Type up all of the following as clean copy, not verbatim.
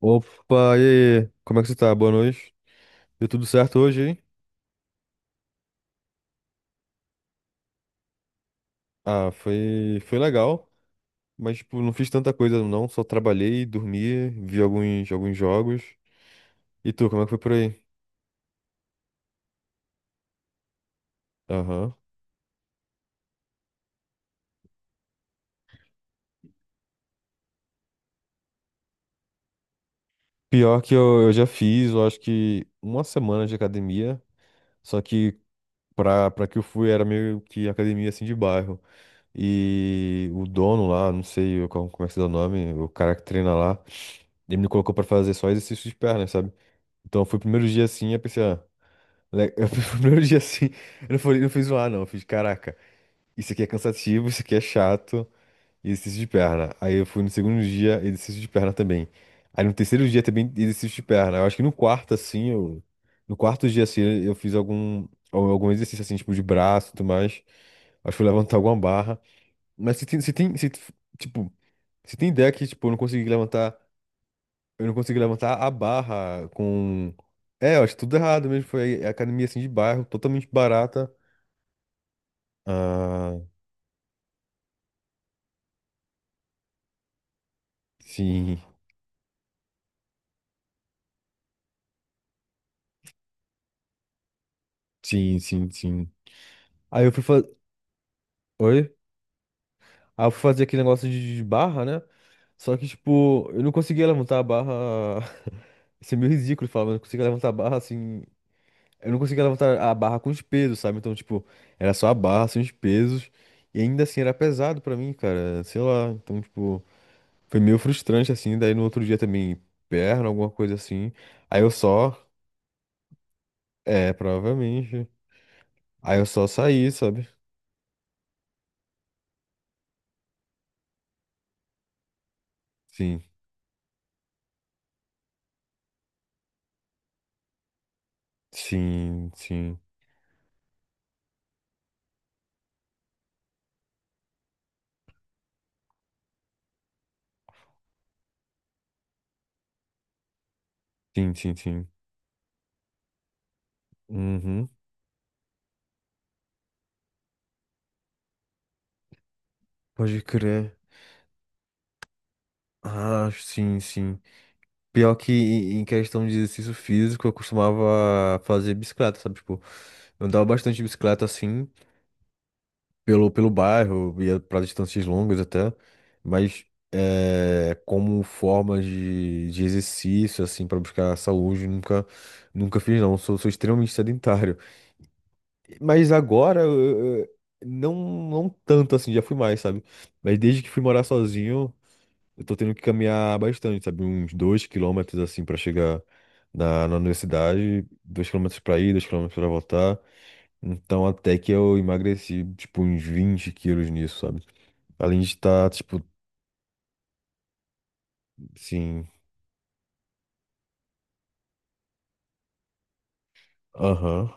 Opa, e aí? Como é que você tá? Boa noite. Deu tudo certo hoje, hein? Ah, foi legal, mas tipo, não fiz tanta coisa não, só trabalhei, dormi, vi alguns jogos. E tu, como é que foi por aí? Aham. Pior que eu já fiz, eu acho que uma semana de academia, só que pra que eu fui era meio que academia assim de bairro. E o dono lá, não sei como é que se dá o nome, o cara que treina lá, ele me colocou pra fazer só exercício de perna, sabe? Então foi o primeiro dia assim, eu pensei, ah, Eu fui o primeiro dia assim, eu não fui, não fui zoar, não. Eu fiz, caraca, isso aqui é cansativo, isso aqui é chato, e exercício de perna. Aí eu fui no segundo dia, exercício de perna também. Aí no terceiro dia também, exercício de perna. Eu acho que no quarto, assim, eu. No quarto dia, assim, eu fiz algum, algum exercício, assim, tipo, de braço e tudo mais. Acho que fui levantar alguma barra. Mas se tem, se tem, se, tipo, se tem ideia que, tipo, eu não consegui levantar a barra com. É, eu acho tudo errado mesmo. Foi a academia, assim, de bairro, totalmente barata. Ah, sim, sim, sim, sim. Aí eu fui fazer. Oi? Aí eu fui fazer aquele negócio de barra, né? Só que, tipo, eu não conseguia levantar a barra. Isso é meio ridículo falar, mas eu não conseguia levantar a barra assim. Eu não conseguia levantar a barra com os pesos, sabe? Então, tipo, era só a barra, sem os pesos. E ainda assim era pesado pra mim, cara. Sei lá. Então, tipo, foi meio frustrante assim. Daí no outro dia também, perna, alguma coisa assim. Aí eu só. É, provavelmente. Aí eu só saí, sabe? Sim. Sim, sim, sim, sim, sim. Uhum. Pode crer. Ah, sim, sim. Pior que em questão de exercício físico, eu costumava fazer bicicleta, sabe? Tipo, eu andava bastante de bicicleta assim, pelo bairro, ia pra distâncias longas até, mas é, como forma de exercício, assim, pra buscar saúde, nunca fiz, não. Sou extremamente sedentário. Mas agora, não, não tanto assim, já fui mais, sabe? Mas desde que fui morar sozinho, eu tô tendo que caminhar bastante, sabe? Uns 2 quilômetros assim pra chegar na universidade, dois quilômetros pra ir, 2 quilômetros pra voltar. Então até que eu emagreci, tipo, uns 20 quilos nisso, sabe? Além de estar, tipo, assim, aham,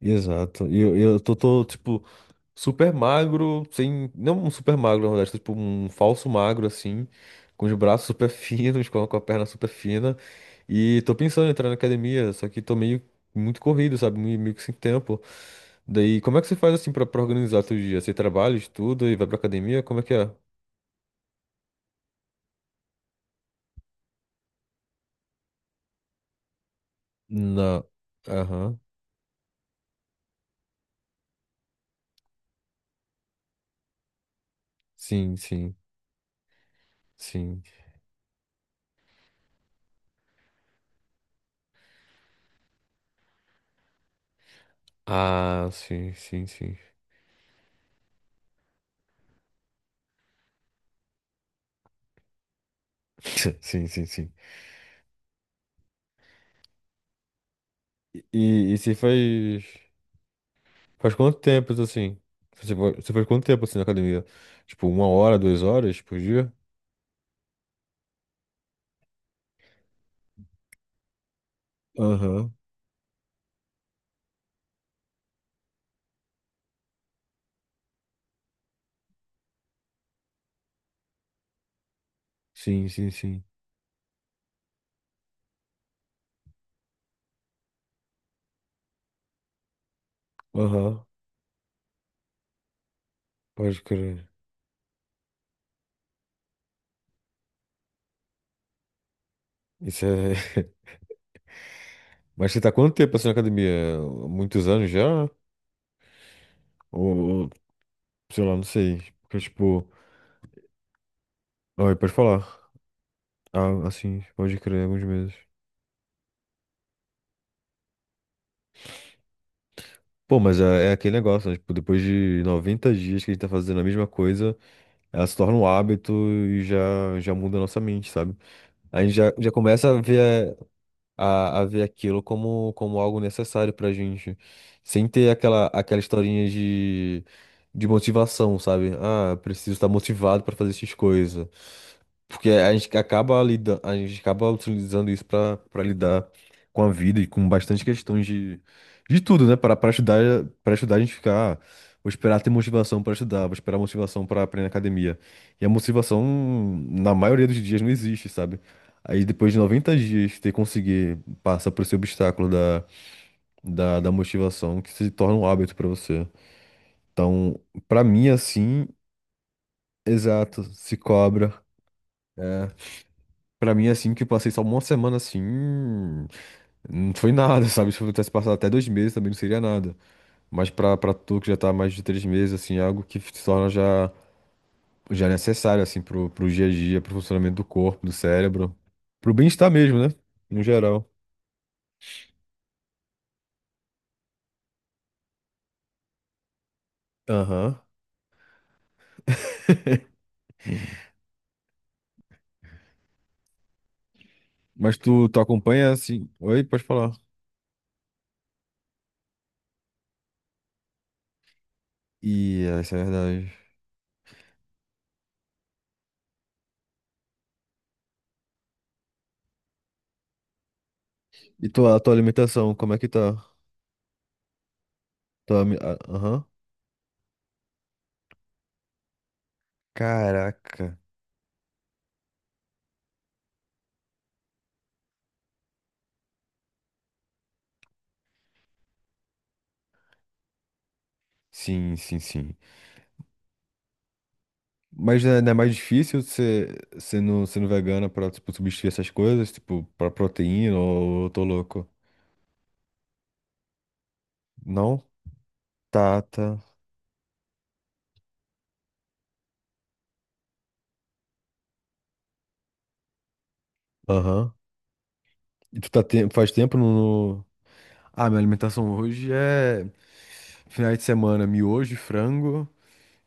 exato. E eu tipo, super magro, sem. Não um super magro, na verdade, tipo um falso magro, assim, com os braços super finos, com a perna super fina. E tô pensando em entrar na academia, só que tô meio muito corrido, sabe? Meio que sem tempo. Daí, como é que você faz assim pra, pra organizar teu dia? Você trabalha, estuda e vai pra academia? Como é que é? Não. Aham. Sim, sim, sim. Ah, sim, sim, sim. Sim, sim, sim. E você faz. Faz quanto tempo, assim? Você foi, você faz quanto tempo, assim, na academia? Tipo, uma hora, 2 horas por dia? Aham. Sim, sim, sim. Aham, pode crer. Isso é... Mas você tá há quanto tempo, assim, na academia? Muitos anos já? Ou, ou, sei lá, não sei. Porque, tipo... Olha, pode falar. Ah, assim, pode crer, alguns meses. Pô, mas é, é aquele negócio, né? Tipo, depois de 90 dias que a gente tá fazendo a mesma coisa, ela se torna um hábito e já muda a nossa mente, sabe? A gente já começa a ver. A ver aquilo como, como algo necessário pra gente. Sem ter aquela historinha de motivação, sabe? Ah, preciso estar motivado pra fazer essas coisas. Porque a gente acaba lidando, a gente acaba utilizando isso pra para lidar com a vida e com bastante questões de tudo, né? Para estudar a gente ficar, ah, vou esperar ter motivação pra estudar, vou esperar motivação pra aprender na academia. E a motivação na maioria dos dias não existe, sabe? Aí depois de 90 dias você conseguir passar por esse obstáculo da, da motivação que se torna um hábito pra você. Então, pra mim assim, exato, se cobra. É. Para mim assim que eu passei só uma semana assim, não foi nada, sabe? Se eu tivesse passado até 2 meses também não seria nada. Mas pra para tu que já tá há mais de 3 meses assim, é algo que se torna já necessário assim pro, pro dia a dia, pro funcionamento do corpo, do cérebro, pro bem-estar mesmo, né? No geral. Aham. Mas tu, tu acompanha assim. Oi, pode falar. E essa é a verdade. E tua, tua alimentação, como é que tá? Aham. Caraca. Sim, sim, sim. Mas não é, não é mais difícil ser, sendo vegana pra, tipo, substituir essas coisas, tipo, pra proteína ou eu tô louco? Não? Tá, tá. Aham. E tu faz tempo no... no... Ah, minha alimentação hoje é... Finais de semana, miojo, e frango.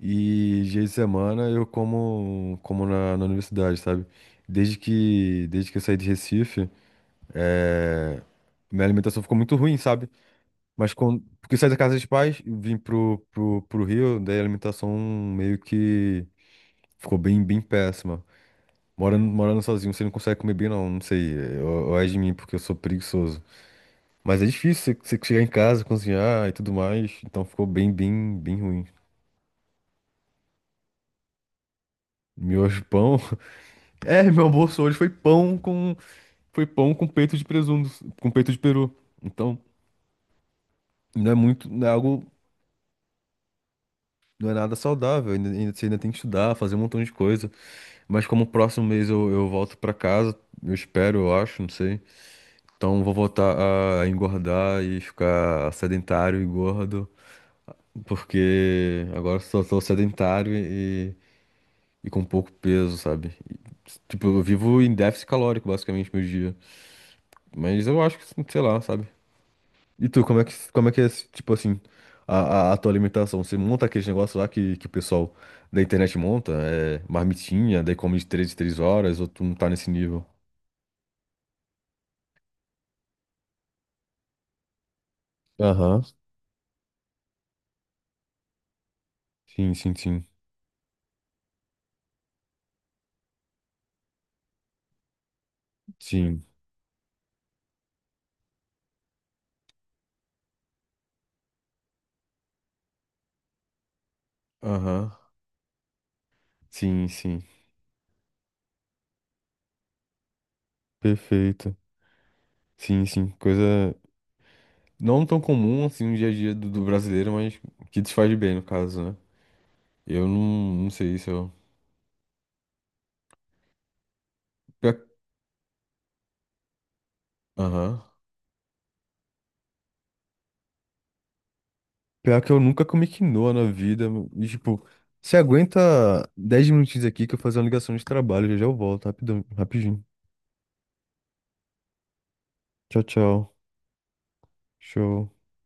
E dia de semana eu como, como na, na universidade, sabe? Desde que eu saí de Recife, é, minha alimentação ficou muito ruim, sabe? Mas quando, porque eu saí da casa dos pais, vim pro, pro Rio, daí a alimentação meio que ficou bem, bem péssima. Morando sozinho, você não consegue comer bem, não, não sei. Eu é de mim, porque eu sou preguiçoso. Mas é difícil você chegar em casa, cozinhar e tudo mais, então ficou bem, bem, bem ruim. Miojo, pão. É, meu almoço hoje foi pão com peito de presunto, com peito de peru. Então, não é muito, não é algo, não é nada saudável. Ainda, ainda- você ainda tem que estudar, fazer um montão de coisa. Mas como o próximo mês eu volto pra casa, eu espero, eu acho, não sei. Então vou voltar a engordar e ficar sedentário e gordo, porque agora só sou sedentário e com pouco peso, sabe? E, tipo, eu vivo em déficit calórico basicamente meu dia. Mas eu acho que, sei lá, sabe? E tu, como é que é, tipo assim, a, a tua alimentação? Você monta aqueles negócios lá que o pessoal da internet monta? É marmitinha, daí come de 3 em 3 horas, ou tu não tá nesse nível? Aham. Sim, sim, sim. Sim. Aham. Sim, sim. Perfeito. Sim, sim. Coisa não tão comum assim no dia a dia do brasileiro, mas que te faz bem, no caso, né? Eu não, não sei se eu. Pior- Aham. Pior que eu nunca comi quinoa na vida. E, tipo, você aguenta 10 minutinhos aqui que eu vou fazer uma ligação de trabalho. Já já eu volto, rapidão, rapidinho. Tchau, tchau. Show.